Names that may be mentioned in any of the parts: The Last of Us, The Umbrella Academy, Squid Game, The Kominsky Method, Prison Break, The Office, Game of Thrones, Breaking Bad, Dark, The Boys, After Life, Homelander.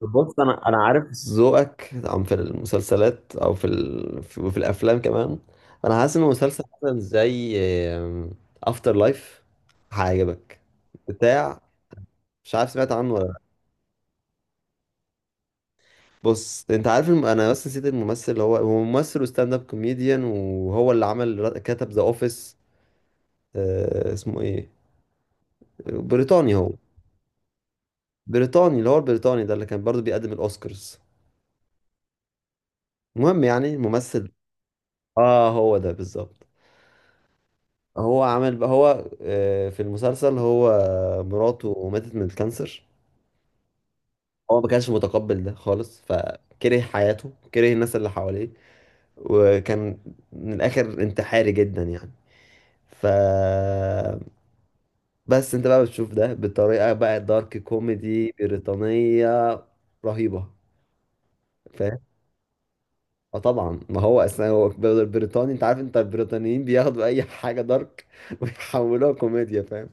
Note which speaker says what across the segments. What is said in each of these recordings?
Speaker 1: بص، انا عارف ذوقك عم في المسلسلات او وفي الافلام كمان. انا حاسس ان مسلسل مثلا زي افتر لايف هيعجبك. بتاع مش عارف سمعت عنه ولا لأ. بص انت عارف انا بس نسيت الممثل، اللي هو ممثل وستاند اب كوميديان، وهو اللي عمل كتب ذا اوفيس. اسمه ايه؟ بريطاني هو، بريطاني، اللي هو البريطاني ده اللي كان برضو بيقدم الاوسكارز. المهم يعني ممثل. اه، هو ده بالظبط. هو عمل بقى، هو آه، في المسلسل، هو مراته ماتت من الكانسر. هو ما كانش متقبل ده خالص، فكره حياته، كره الناس اللي حواليه، وكان من الاخر انتحاري جدا يعني. ف بس انت بقى بتشوف ده بطريقه، بقى دارك كوميدي بريطانيه رهيبه، فاهم؟ اه طبعا، ما هو اصلا بريطاني، انت عارف، انت البريطانيين بياخدوا اي حاجه دارك ويحولوها كوميديا، فاهم؟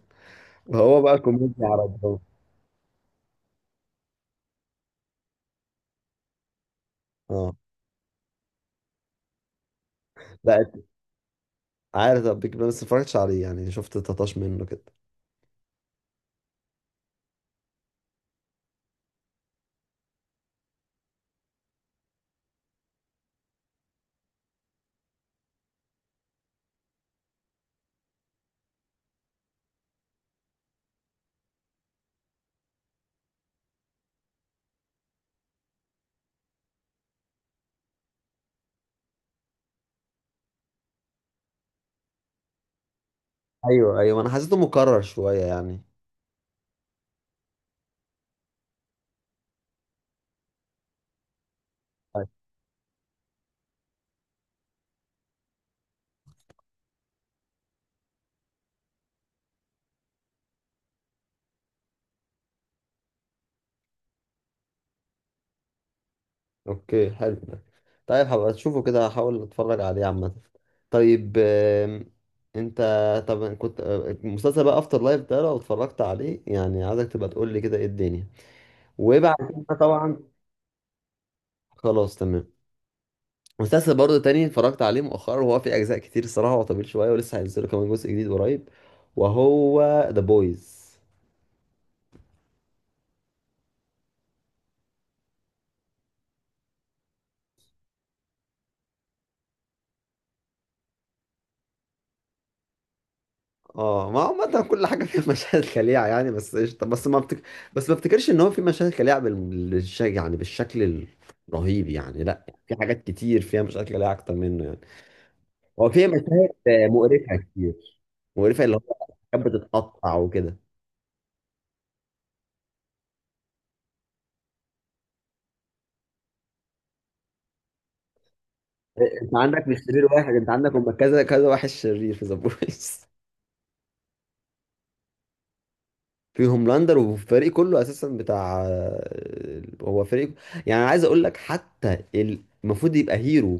Speaker 1: وهو بقى كوميديا على الدراما. اه. لا، عارف ده بيج بان بس متفرجتش عليه يعني، شفت تطاش منه كده. ايوه، ايوه، انا حسيته مكرر شويه يعني. طيب. اوكي، حلو ده. طيب، هبقى اشوفه كده، هحاول اتفرج عليه عامه. طيب. انت. طب كنت آه، مسلسل بقى افتر لايف ده لو اتفرجت عليه يعني عايزك تبقى تقول لي كده ايه الدنيا. وبعد كده طبعا. خلاص، تمام. مسلسل برضه تاني اتفرجت عليه مؤخرا، وهو في اجزاء كتير الصراحه، هو طويل شويه، ولسه هينزلوا كمان جزء جديد قريب. وهو ذا بويز. اه، ما عامة كل حاجة فيها مشاهد خليعة يعني، بس قشطة. بس ما افتكرش ان هو في مشاهد خليعة يعني بالشكل الرهيب يعني. لا، في حاجات كتير فيها مشاهد خليعة اكتر منه يعني. هو فيها مشاهد مقرفة كتير. مقرفة اللي هو كانت بتتقطع وكده. انت عندك مش شرير واحد، انت عندك هم كذا كذا واحد شرير في ذا بويز. في هوملاندر والفريق كله اساسا بتاع. هو فريق، يعني عايز اقول لك حتى المفروض يبقى هيرو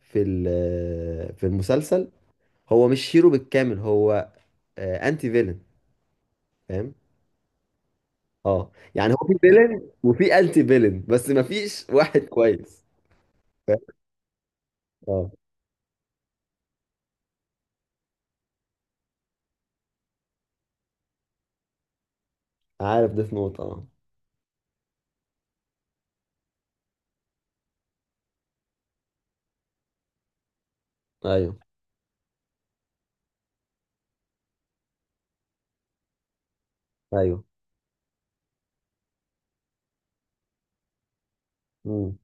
Speaker 1: في المسلسل، هو مش هيرو بالكامل، هو انتي فيلن، فاهم؟ اه يعني، هو في فيلن وفي انتي فيلن بس ما فيش واحد كويس، فاهم؟ اه، عارف ديث نوت، اه. ايوه، ايوه. امم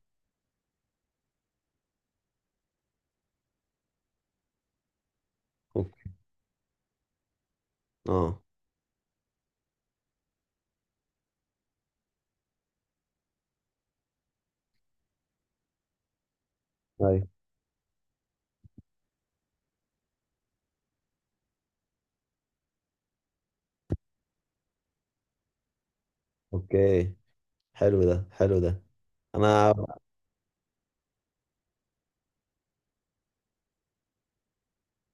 Speaker 1: اوكي. اه، ايوه. اوكي، حلو ده، حلو ده. انا.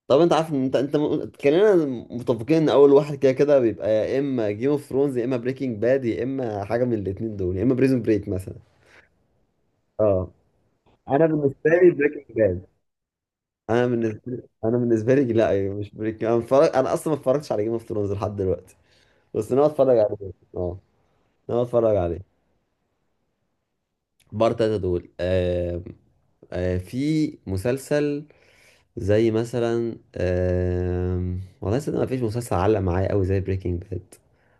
Speaker 1: طب، انت عارف إن انت كلنا متفقين ان اول واحد كده كده بيبقى يا اما جيم اوف ثرونز، يا اما بريكنج باد، يا اما حاجه من الاثنين دول، يا اما بريزون بريك مثلا. اه، انا بالنسبه لي بريكنج باد. انا بالنسبه لي انا بالنسبه لي لا، أيوة، مش بريك. انا اصلا ما اتفرجتش على جيم اوف ثرونز لحد دلوقتي. بس انا اتفرج عليه. اه، انا اتفرج عليه. بار تلاتة دول. في مسلسل زي مثلا. والله صدق، ما فيش مسلسل علق معايا قوي زي بريكنج باد.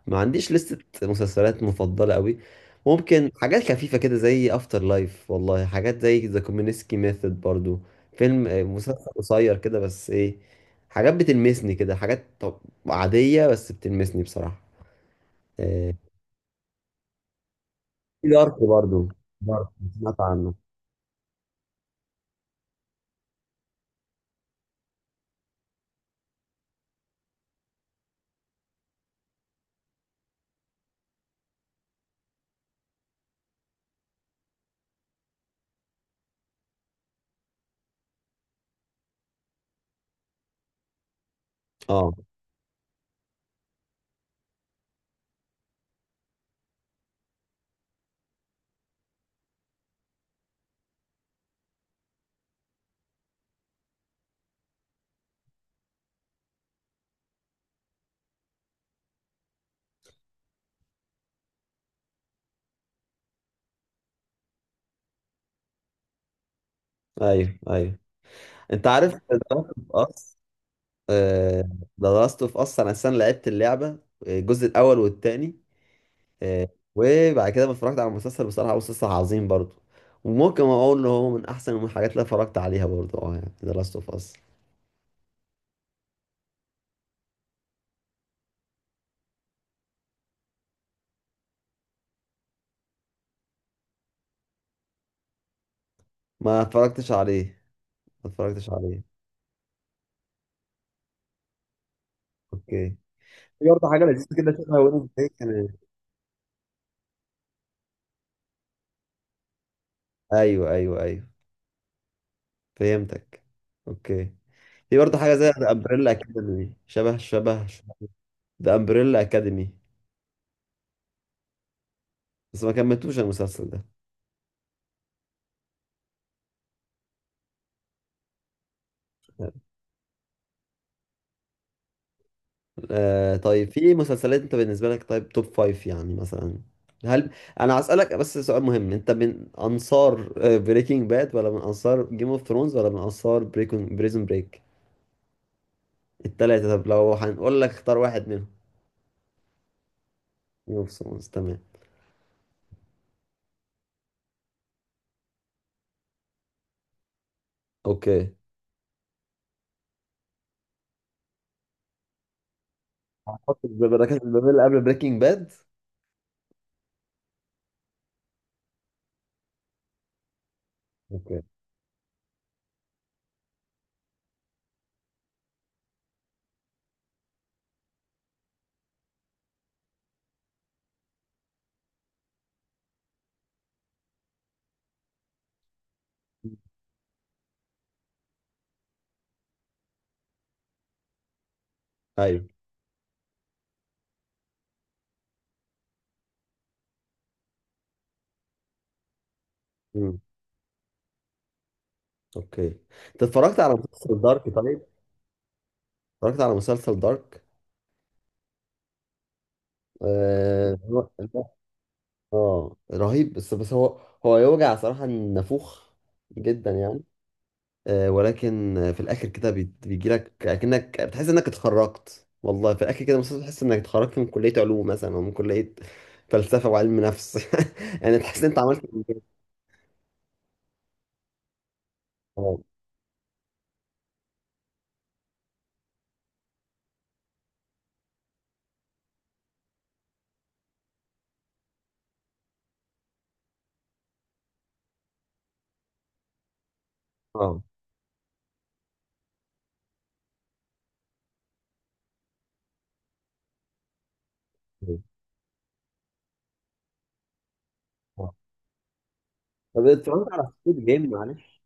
Speaker 1: ما عنديش لستة مسلسلات مفضلة قوي. ممكن حاجات خفيفة كده زي افتر لايف، والله حاجات زي ذا كومينسكي ميثود برضو. فيلم آه، مسلسل قصير كده بس ايه. حاجات بتلمسني كده، حاجات طب عادية بس بتلمسني بصراحة. آه، في دارك برضو. دارك، سمعت عنه. اه. ايوه، ايوه. انت عارف دارك أوف اس ذا لاست اوف اس. انا اصلا لعبت اللعبه، الجزء الاول والثاني. وبعد كده ما اتفرجت على المسلسل بصراحه، هو مسلسل عظيم برضه. وممكن اقول ان هو من احسن الحاجات اللي اتفرجت عليها برضه، اه يعني ذا لاست اوف اس. ما اتفرجتش عليه. ما اتفرجتش عليه. اوكي. في برضه حاجه لذيذه كده شبه وينج كان. ايوه، ايوه، ايوه، فهمتك. اوكي. في برضه حاجه زي ذا امبريلا اكاديمي. شبه ذا امبريلا اكاديمي بس ما كملتوش المسلسل ده. آه، طيب في مسلسلات انت بالنسبة لك، طيب توب فايف يعني مثلا. هل انا هسألك بس سؤال مهم، انت من انصار بريكنج باد، ولا من انصار جيم اوف ثرونز، ولا من انصار بريزون بريك؟ التلاتة. طب لو هنقول لك اختار واحد منهم. جيم اوف ثرونز، تمام. اوكي. هحط بركات البابل قبل بريكنج باد. اوكي، ايوه. امم اوكي. انت اتفرجت على مسلسل دارك، طيب؟ اتفرجت على مسلسل دارك؟ آه... اه، رهيب. بس هو يوجع صراحة النافوخ جدا يعني. ولكن في الاخر كده بيجي لك اكنك بتحس انك اتخرجت، والله في الاخر كده مثلا تحس انك اتخرجت من كلية علوم مثلا، او من كلية فلسفة وعلم نفس، يعني تحس ان انت عملت إنجاز. اه، اه، آه. آه. طب اتفرجت على سكويد جيم، معلش؟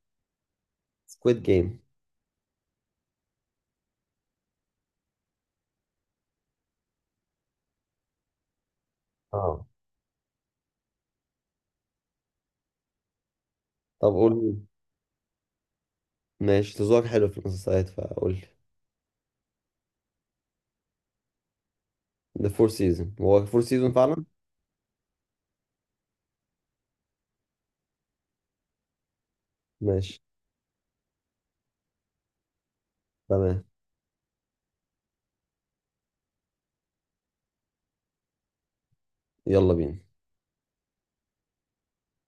Speaker 1: سكويد جيم. اه. طب قول لي. ماشي، تزوق حلو في المسلسلات، فقول لي. ده فور سيزون، هو فور سيزون فعلا. ماشي، تمام. يلا بينا.